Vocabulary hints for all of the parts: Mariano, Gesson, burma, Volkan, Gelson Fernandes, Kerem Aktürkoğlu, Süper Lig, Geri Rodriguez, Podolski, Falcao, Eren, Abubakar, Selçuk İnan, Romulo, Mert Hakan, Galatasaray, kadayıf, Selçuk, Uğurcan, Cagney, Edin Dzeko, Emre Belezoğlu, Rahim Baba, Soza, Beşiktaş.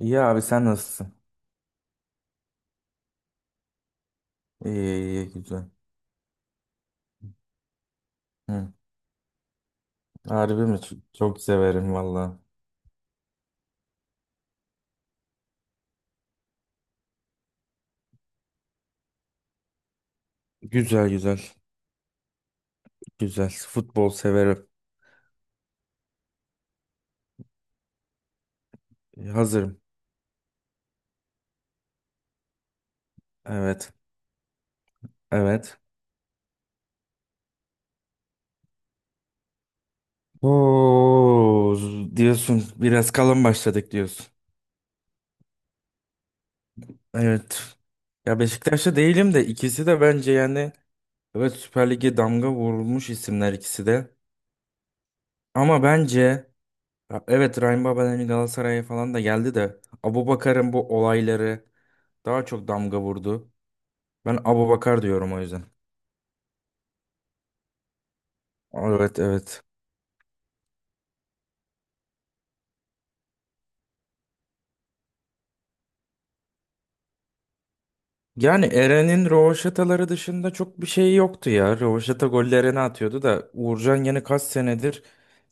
İyi abi sen nasılsın? İyi, güzel. Hı. Harbi mi? Çok severim valla. Güzel, güzel. Futbol severim. Hazırım. Evet. Evet. Oo, diyorsun biraz kalın başladık diyorsun. Evet. Ya Beşiktaş'ta değilim de ikisi de bence evet Süper Lig'e damga vurulmuş isimler ikisi de. Ama bence ya evet Rahim Baba'nın Galatasaray'a falan da geldi de Abubakar'ın bu olayları daha çok damga vurdu. Ben Abubakar diyorum o yüzden. Evet, evet. Yani Eren'in rövaşataları dışında çok bir şey yoktu ya. Rövaşata gollerini atıyordu da Uğurcan yine kaç senedir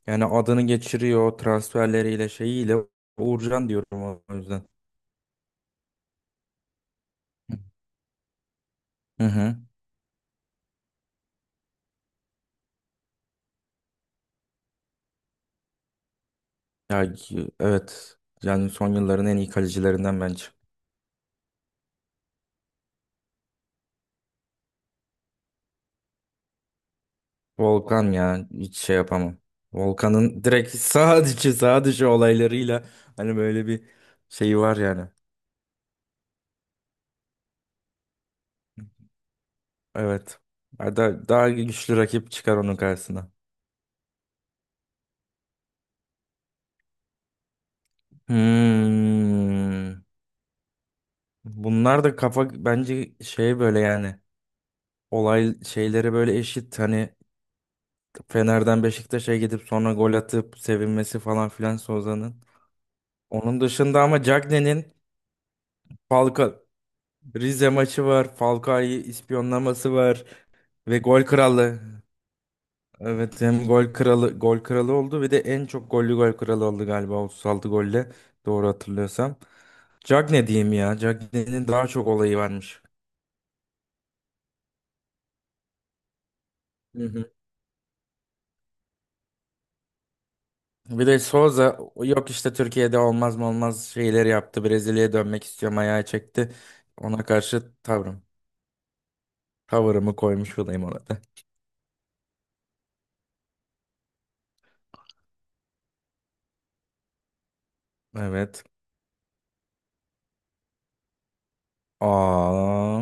yani adını geçiriyor transferleriyle şeyiyle Uğurcan diyorum o yüzden. Hı hı. Evet. Yani son yılların en iyi kalecilerinden bence. Volkan ya hiç şey yapamam. Volkan'ın direkt sağ dışı olaylarıyla hani böyle bir şeyi var yani. Evet. Daha güçlü rakip çıkar onun karşısına. Hmm. Bunlar da kafa bence şey böyle yani olay şeyleri böyle eşit hani Fener'den Beşiktaş'a gidip sonra gol atıp sevinmesi falan filan Soza'nın. Onun dışında ama Cagney'in Falcao Rize maçı var. Falcao'yu ispiyonlaması var ve gol kralı. Evet hem gol kralı gol kralı oldu ve de en çok gollü gol kralı oldu galiba 36 golle doğru hatırlıyorsam. Jag ne diyeyim ya? Cagney'nin daha çok olayı varmış. Hı hı. Bir de Souza yok işte Türkiye'de olmaz mı olmaz şeyleri yaptı. Brezilya'ya dönmek istiyorum ayağı çekti. Ona karşı tavrım. Tavırımı koymuş olayım ona da. Evet. Aa,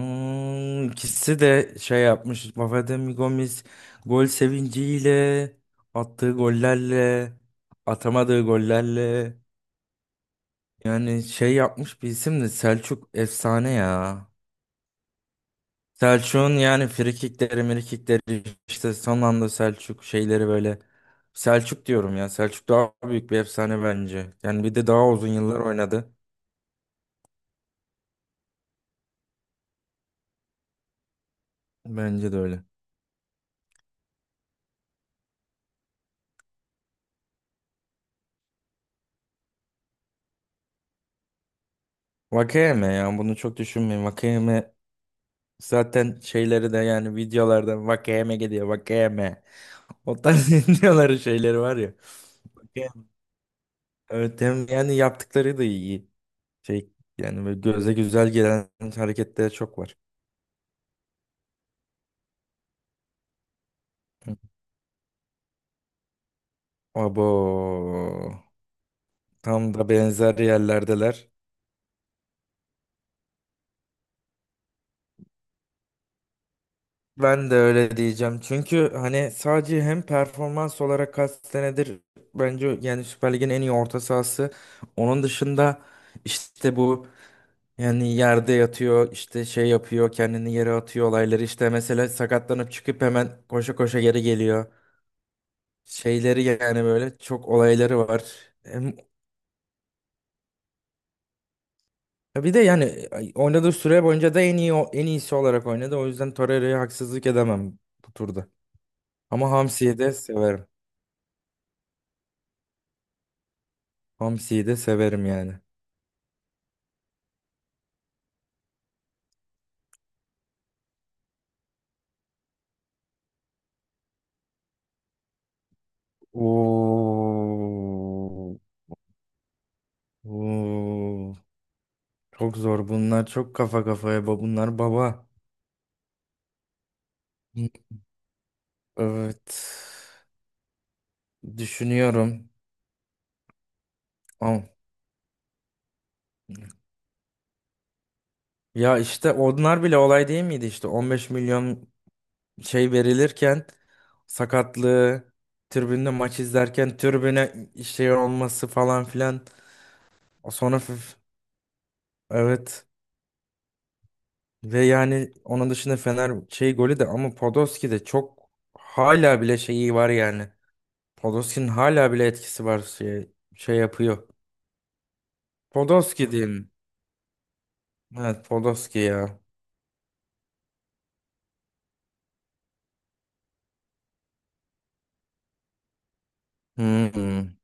ikisi de şey yapmış. Vafademi Gomis gol sevinciyle attığı gollerle atamadığı gollerle yani şey yapmış bir isim de Selçuk efsane ya. Selçuk'un yani frikikleri, mirikikleri işte son anda Selçuk şeyleri böyle Selçuk diyorum ya. Selçuk daha büyük bir efsane bence. Yani bir de daha uzun yıllar oynadı. Bence de öyle. Vakayeme ya bunu çok düşünmeyin. Vakayeme zaten şeyleri de yani videolarda Vakayeme gidiyor Vakayeme. O tarz videoları şeyleri var ya. Vakayeme. Evet hem yani yaptıkları da iyi. Şey yani böyle göze güzel gelen hareketler çok var. Abo. Tam da benzer yerlerdeler. Ben de öyle diyeceğim. Çünkü hani sadece hem performans olarak kaç senedir bence yani Süper Lig'in en iyi orta sahası. Onun dışında işte bu yani yerde yatıyor işte şey yapıyor kendini yere atıyor olayları işte mesela sakatlanıp çıkıp hemen koşa koşa geri geliyor. Şeyleri yani böyle çok olayları var. Hem- Bir de oynadığı süre boyunca da en iyi en iyisi olarak oynadı. O yüzden Torreira'ya haksızlık edemem bu turda. Ama hamsiyi de severim. Hamsiyi de severim yani. Oo, oo, çok zor bunlar. Çok kafa kafaya ba bunlar baba. Evet. Düşünüyorum. Am- Ya işte onlar bile olay değil miydi işte 15 milyon şey verilirken sakatlığı tribünde maç izlerken tribüne şey olması falan filan. Sonra f- evet ve yani onun dışında Fener şey golü de ama Podolski de çok hala bile şeyi var yani. Podolski'nin hala bile etkisi var şey yapıyor. Podolski diyeyim. Evet Podolski ya. Hmm.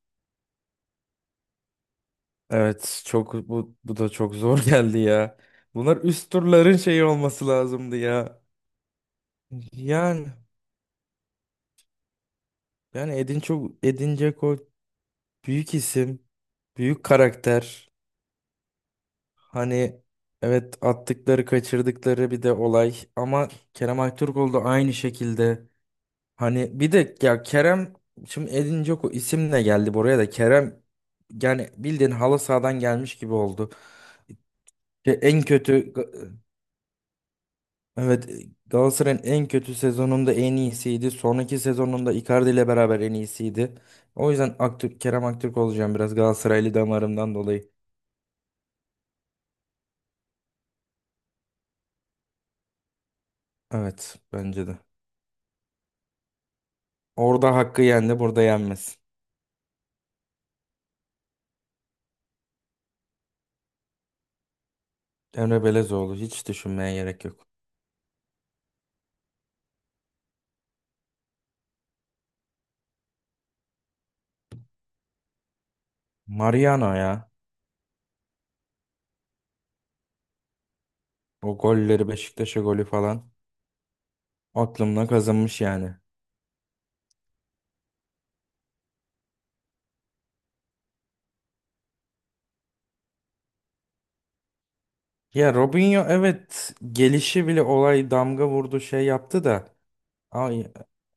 Evet çok bu da çok zor geldi ya. Bunlar üst turların şeyi olması lazımdı ya. Yani yani Edin çok Edin Dzeko büyük isim, büyük karakter. Hani evet attıkları kaçırdıkları bir de olay ama Kerem Aktürkoğlu da aynı şekilde hani bir de ya Kerem şimdi Edin Dzeko isimle geldi buraya da Kerem yani bildiğin halı sahadan gelmiş gibi oldu. Ya en kötü evet Galatasaray'ın en kötü sezonunda en iyisiydi. Sonraki sezonunda Icardi ile beraber en iyisiydi. O yüzden Aktürk, Kerem Aktürk olacağım biraz Galatasaraylı damarımdan dolayı. Evet bence de. Orada hakkı yendi, burada yenmez. Emre Belezoğlu hiç düşünmeye gerek yok. Mariano ya. O golleri Beşiktaş'a golü falan aklımda kazınmış yani. Ya Robinho evet gelişi bile olay damga vurdu şey yaptı da. Ay,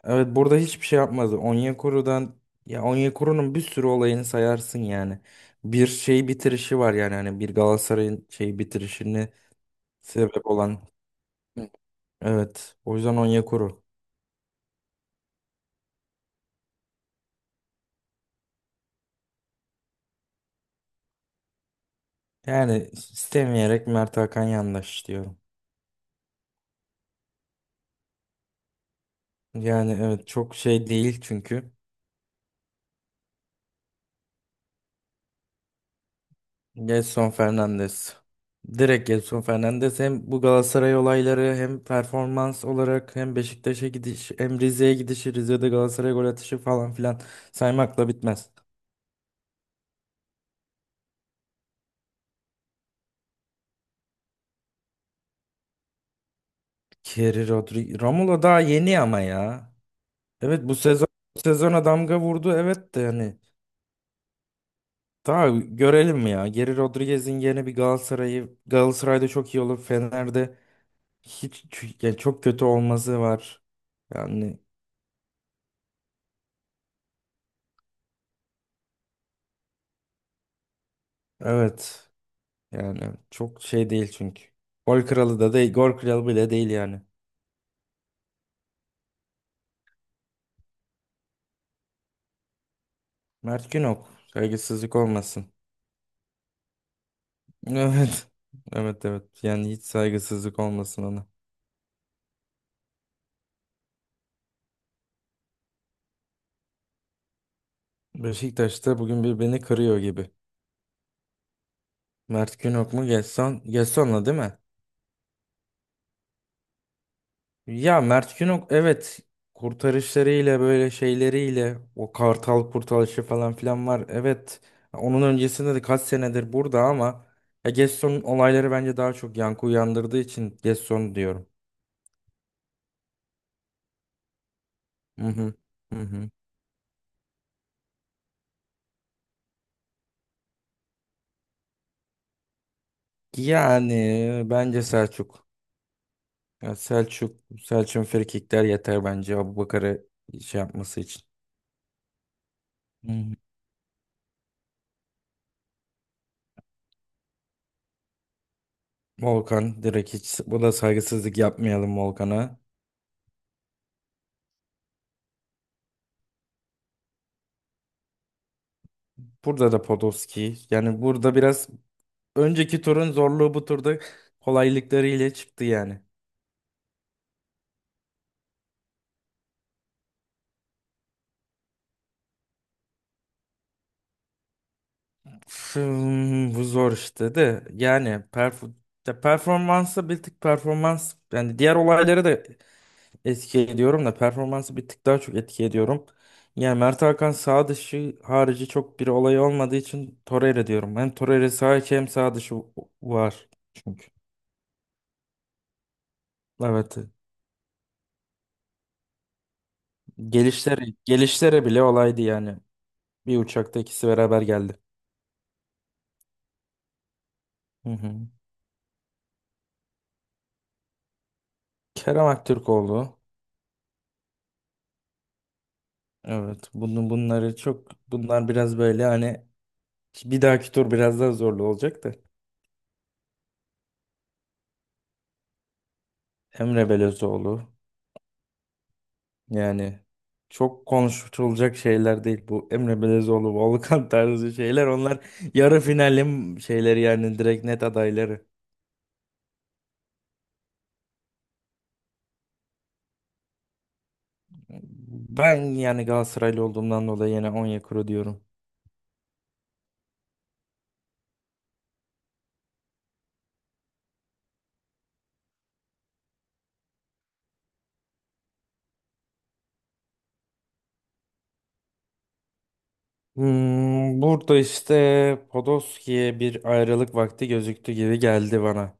evet burada hiçbir şey yapmadı. Onyekuru'dan ya Onyekuru'nun bir sürü olayını sayarsın yani. Bir şey bitirişi var yani hani bir Galatasaray'ın şey bitirişini sebep olan. Evet o yüzden Onyekuru. Yani istemeyerek Mert Hakan yandaş diyorum. Yani evet çok şey değil çünkü. Gelson Fernandes. Direkt Gelson Fernandes hem bu Galatasaray olayları hem performans olarak hem Beşiktaş'a gidiş hem Rize'ye gidişi Rize'de Galatasaray gol atışı falan filan saymakla bitmez. Kerry Rodri Romulo daha yeni ama ya. Evet bu sezona damga vurdu evet de yani daha görelim ya. Geri Rodriguez'in yerine bir Galatasaray'ı Galatasaray'da çok iyi olur. Fener'de hiç yani çok kötü olması var. Yani evet. Yani çok şey değil çünkü. Gol kralı da değil. Gol kralı bile değil yani. Mert Günok. Saygısızlık olmasın. Evet. Evet, evet. Yani hiç saygısızlık olmasın ona. Beşiktaş'ta bugün bir beni kırıyor gibi. Mert Günok mu Gesson? Gesson'la değil mi? Ya Mert Günok evet kurtarışlarıyla böyle şeyleriyle o kartal kurtarışı falan filan var. Evet onun öncesinde de kaç senedir burada ama ya Gesson'un olayları bence daha çok yankı uyandırdığı için Gesson diyorum. Hı hı. Hı hı. Yani bence Selçuk. Ya Selçuk, Selçuk'un frikikler yeter bence Abubakar'ı şey yapması için. Hı hı. Volkan direkt hiç bu da saygısızlık yapmayalım Volkan'a. Burada da Podolski. Yani burada biraz önceki turun zorluğu bu turda kolaylıklarıyla çıktı yani. Hmm, bu zor işte de de performansı bir tık performans yani diğer olayları da etki ediyorum da performansı bir tık daha çok etki ediyorum. Yani Mert Hakan sağ dışı harici çok bir olay olmadığı için Torreira diyorum. Hem Torreira sağ içi hem sağ dışı var çünkü. Evet. Gelişlere bile olaydı yani. Bir uçakta ikisi beraber geldi. Hı hı. Kerem Aktürkoğlu. Evet, bunun bunları çok bunlar biraz böyle hani bir dahaki tur biraz daha zorlu olacak da Emre Belezoğlu yani çok konuşulacak şeyler değil bu Emre Belezoğlu, Volkan tarzı şeyler onlar yarı finalim şeyleri yani direkt net adayları. Ben yani Galatasaraylı olduğumdan dolayı yine Onyekuru diyorum. Hmm, burada işte Podolski'ye bir ayrılık vakti gözüktü gibi geldi bana.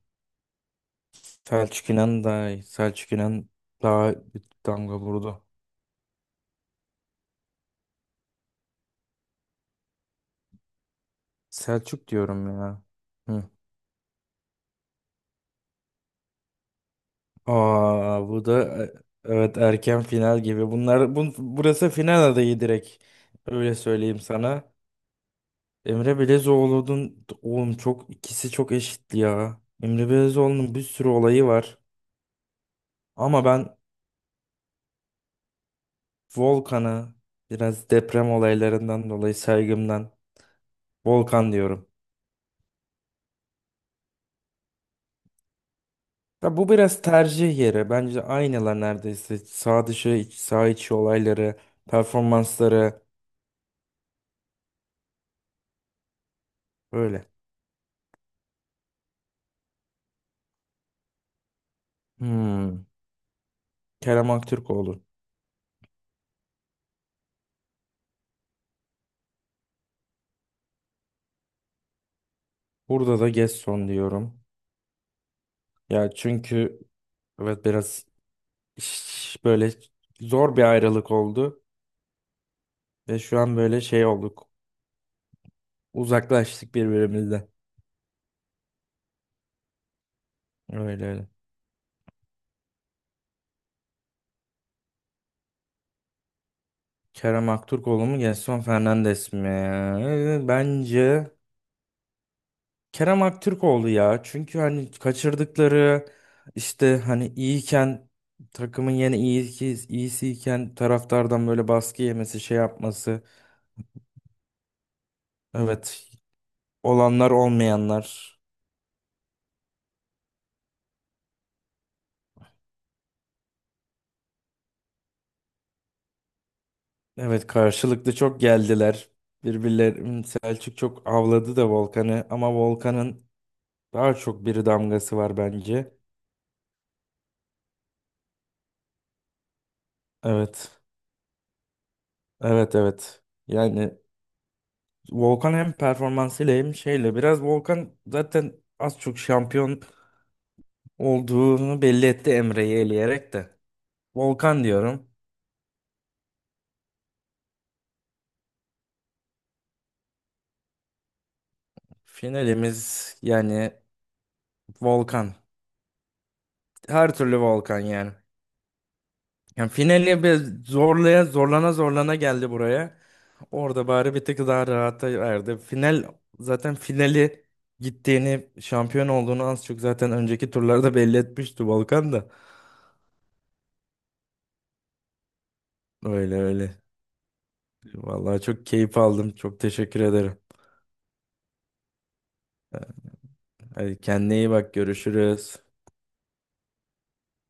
Selçuk İnan daha iyi. Selçuk İnan daha bir damga vurdu. Selçuk diyorum ya. Hı. Aa, bu da evet erken final gibi. Bunlar burası final adayı direkt. Öyle söyleyeyim sana. Emre Belezoğlu'nun oğlum çok ikisi çok eşitli ya. Emre Belezoğlu'nun bir sürü olayı var. Ama ben Volkan'ı biraz deprem olaylarından dolayı saygımdan Volkan diyorum. Ya bu biraz tercih yeri. Bence aynılar neredeyse. Sağ dışı, iç, sağ içi olayları, performansları böyle. Hmm. Kerem Aktürkoğlu. Burada da Gesson diyorum. Ya çünkü evet biraz böyle zor bir ayrılık oldu. Ve şu an böyle şey olduk. Uzaklaştık birbirimizden. Öyle öyle. Kerem Aktürkoğlu mu Gesson Fernandes mi? Bence Kerem Aktürkoğlu ya. Çünkü hani kaçırdıkları işte hani iyiyken takımın yine iyi ki iyisiyken taraftardan böyle baskı yemesi, şey yapması. Evet, olanlar olmayanlar. Evet, karşılıklı çok geldiler. Birbirlerini Selçuk çok avladı da Volkan'ı ama Volkan'ın daha çok bir damgası var bence. Evet. Evet, evet. Yani Volkan hem performansıyla hem şeyle biraz Volkan zaten az çok şampiyon olduğunu belli etti Emre'yi eleyerek de. Volkan diyorum. Finalimiz yani Volkan. Her türlü Volkan yani. Yani finali bir zorlana zorlana geldi buraya. Orada bari bir tık daha rahata erdi. Finali gittiğini, şampiyon olduğunu az çok zaten önceki turlarda belli etmişti Volkan da. Öyle öyle. Vallahi çok keyif aldım. Çok teşekkür ederim. Hadi kendine iyi bak. Görüşürüz.